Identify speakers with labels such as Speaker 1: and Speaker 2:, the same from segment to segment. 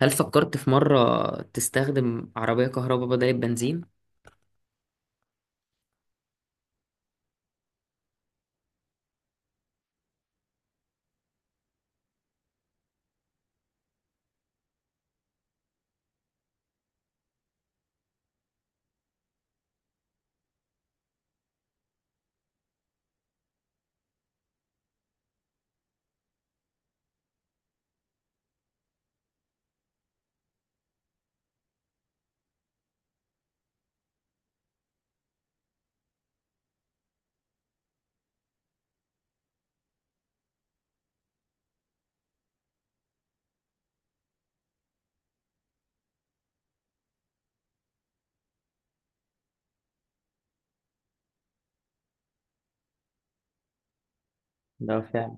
Speaker 1: هل فكرت في مرة تستخدم عربية كهرباء بدل البنزين؟ ده فعلا.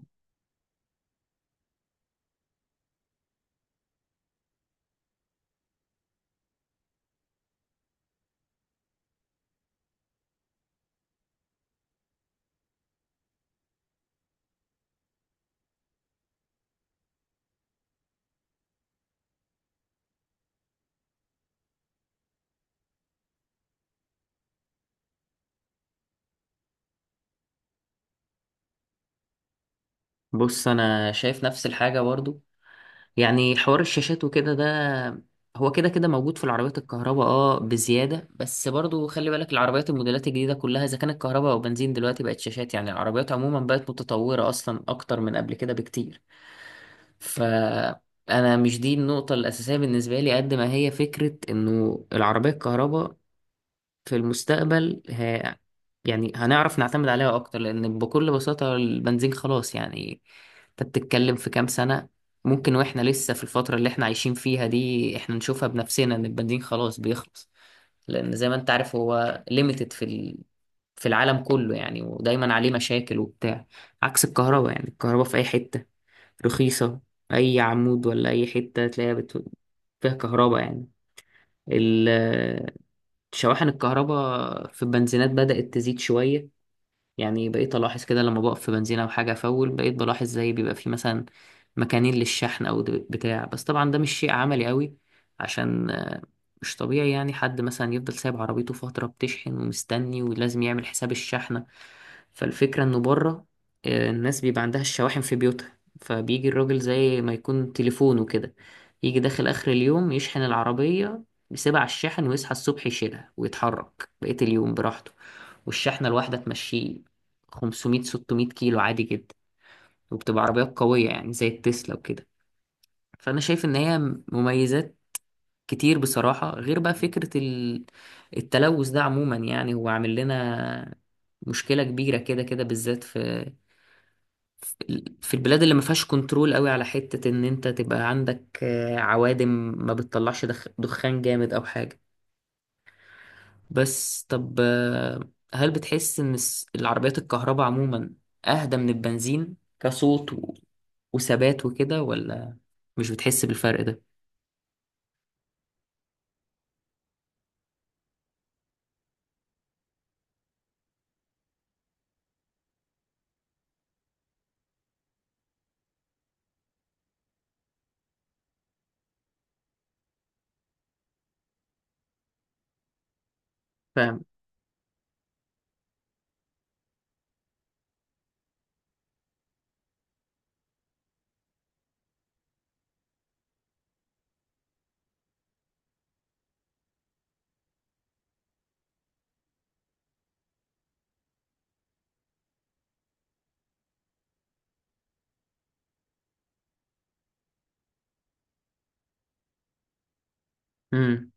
Speaker 1: بص، أنا شايف نفس الحاجة برضو، يعني حوار الشاشات وكده ده هو كده كده موجود في العربيات الكهرباء، اه بزيادة، بس برضو خلي بالك العربيات الموديلات الجديدة كلها إذا كانت كهرباء أو بنزين دلوقتي بقت شاشات، يعني العربيات عموما بقت متطورة أصلا أكتر من قبل كده بكتير. فأنا مش دي النقطة الأساسية بالنسبة لي، قد ما هي فكرة إنه العربية الكهرباء في المستقبل يعني هنعرف نعتمد عليها اكتر، لان بكل بساطة البنزين خلاص يعني، انت بتتكلم في كام سنة؟ ممكن واحنا لسه في الفترة اللي احنا عايشين فيها دي احنا نشوفها بنفسنا ان البنزين خلاص بيخلص، لان زي ما انت عارف هو ليميتد في في العالم كله يعني، ودايما عليه مشاكل وبتاع، عكس الكهرباء. يعني الكهرباء في اي حتة رخيصة، اي عمود ولا اي حتة تلاقيها فيها كهرباء يعني. شواحن الكهرباء في البنزينات بدأت تزيد شوية، يعني بقيت ألاحظ كده لما بقف في بنزينة أو حاجة أفول بقيت بلاحظ زي بيبقى فيه مثلا مكانين للشحن بتاع. بس طبعا ده مش شيء عملي قوي، عشان مش طبيعي يعني حد مثلا يفضل سايب عربيته فترة بتشحن ومستني ولازم يعمل حساب الشحنة. فالفكرة إنه بره الناس بيبقى عندها الشواحن في بيوتها، فبيجي الراجل زي ما يكون تليفونه كده، يجي داخل آخر اليوم يشحن العربية، يسيبها على الشاحن ويصحى الصبح يشيلها ويتحرك بقية اليوم براحته. والشحنة الواحدة تمشيه 500 600 كيلو عادي جدا، وبتبقى عربيات قوية يعني زي التسلا وكده. فأنا شايف إن هي مميزات كتير بصراحة، غير بقى فكرة التلوث ده عموما، يعني هو عامل لنا مشكلة كبيرة كده كده، بالذات في في البلاد اللي ما فيهاش كنترول قوي على حتة إن أنت تبقى عندك عوادم ما بتطلعش دخان جامد أو حاجة. بس طب هل بتحس ان العربيات الكهرباء عموما اهدى من البنزين كصوت وثبات وكده، ولا مش بتحس بالفرق ده؟ فاهم.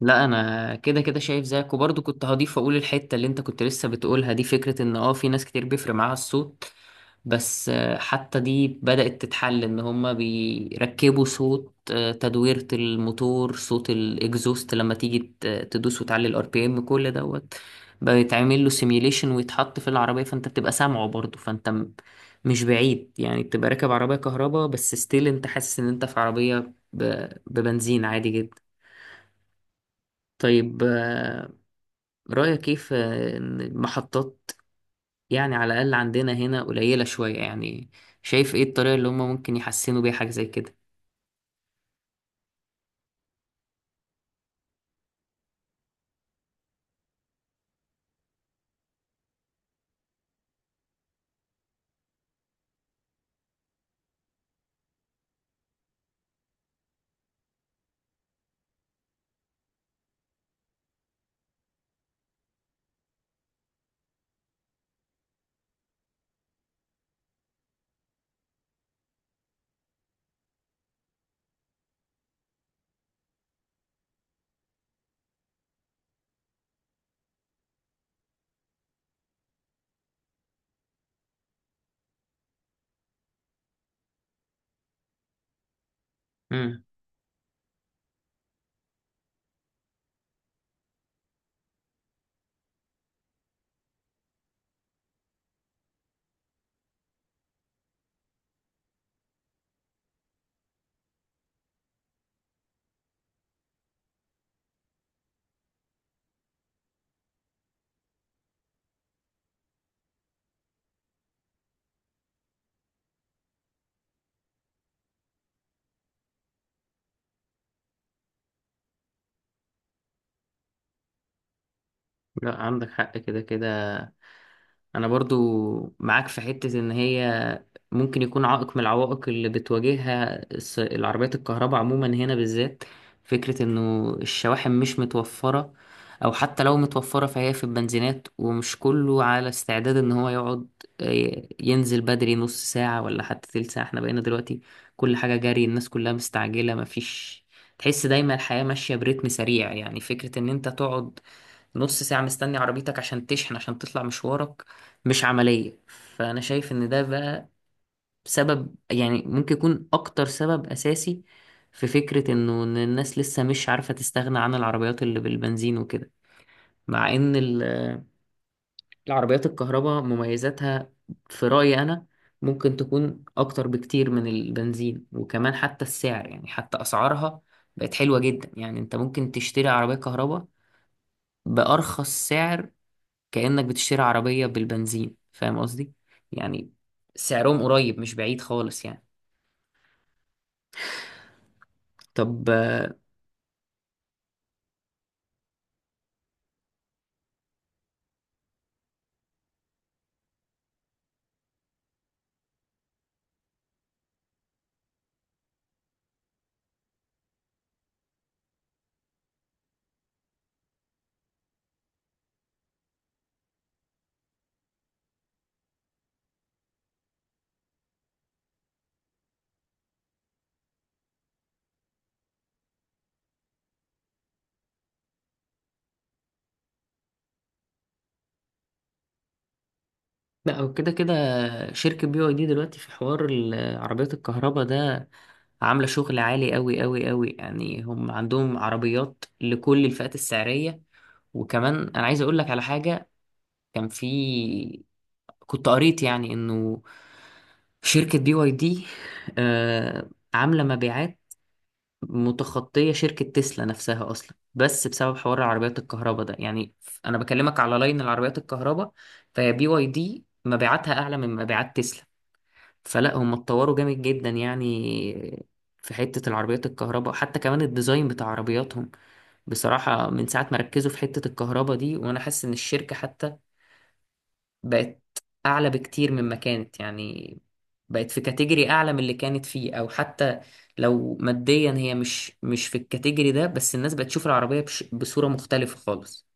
Speaker 1: لا انا كده كده شايف زيك، وبرضه كنت هضيف اقول الحته اللي انت كنت لسه بتقولها دي، فكره ان اه في ناس كتير بيفرق معاها الصوت، بس حتى دي بدات تتحل، ان هما بيركبوا صوت تدويره الموتور، صوت الاكزوست لما تيجي تدوس وتعلي الار بي ام كل دوت، بيتعمل له سيميوليشن ويتحط في العربيه، فانت بتبقى سامعه برضه، فانت مش بعيد يعني بتبقى راكب عربيه كهرباء بس ستيل انت حاسس ان انت في عربيه ببنزين عادي جدا. طيب رأيك كيف إن المحطات يعني على الأقل عندنا هنا قليلة شوية؟ يعني شايف إيه الطريقة اللي هما ممكن يحسنوا بيها حاجة زي كده؟ مم. لا عندك حق كده كده، أنا برضو معاك في حتة إن هي ممكن يكون عائق من العوائق اللي بتواجهها العربيات الكهرباء عموما هنا بالذات فكرة انه الشواحن مش متوفرة، او حتى لو متوفرة فهي في البنزينات ومش كله على استعداد ان هو يقعد ينزل بدري نص ساعة ولا حتى تلت ساعة. احنا بقينا دلوقتي كل حاجة جري، الناس كلها مستعجلة مفيش، تحس دايما الحياة ماشية برتم سريع، يعني فكرة ان انت تقعد نص ساعة مستني عربيتك عشان تشحن عشان تطلع مشوارك مش عملية. فأنا شايف إن ده بقى سبب، يعني ممكن يكون اكتر سبب اساسي في فكرة انه ان الناس لسه مش عارفة تستغنى عن العربيات اللي بالبنزين وكده. مع ان العربيات الكهرباء مميزاتها في رأيي انا ممكن تكون اكتر بكتير من البنزين، وكمان حتى السعر يعني حتى اسعارها بقت حلوة جدا، يعني انت ممكن تشتري عربية كهرباء بأرخص سعر كأنك بتشتري عربية بالبنزين، فاهم قصدي؟ يعني سعرهم قريب مش بعيد خالص يعني. طب لا، هو كده كده شركة بي واي دي دلوقتي في حوار عربيات الكهرباء ده عاملة شغل عالي أوي أوي أوي، يعني هم عندهم عربيات لكل الفئات السعرية. وكمان أنا عايز أقول لك على حاجة، كان في كنت قريت يعني إنه شركة بي واي دي آه عاملة مبيعات متخطية شركة تسلا نفسها أصلا، بس بسبب حوار عربيات الكهرباء ده. يعني أنا بكلمك على لاين العربيات الكهرباء، فهي بي واي دي مبيعاتها أعلى من مبيعات تسلا. فلا هم اتطوروا جامد جدا يعني في حتة العربيات الكهرباء، حتى كمان الديزاين بتاع عربياتهم بصراحة من ساعة ما ركزوا في حتة الكهرباء دي وأنا حاسس إن الشركة حتى بقت اعلى بكتير مما كانت، يعني بقت في كاتيجوري اعلى من اللي كانت فيه، او حتى لو ماديا هي مش مش في الكاتيجوري ده، بس الناس بقت تشوف العربية بش بصورة مختلفة خالص.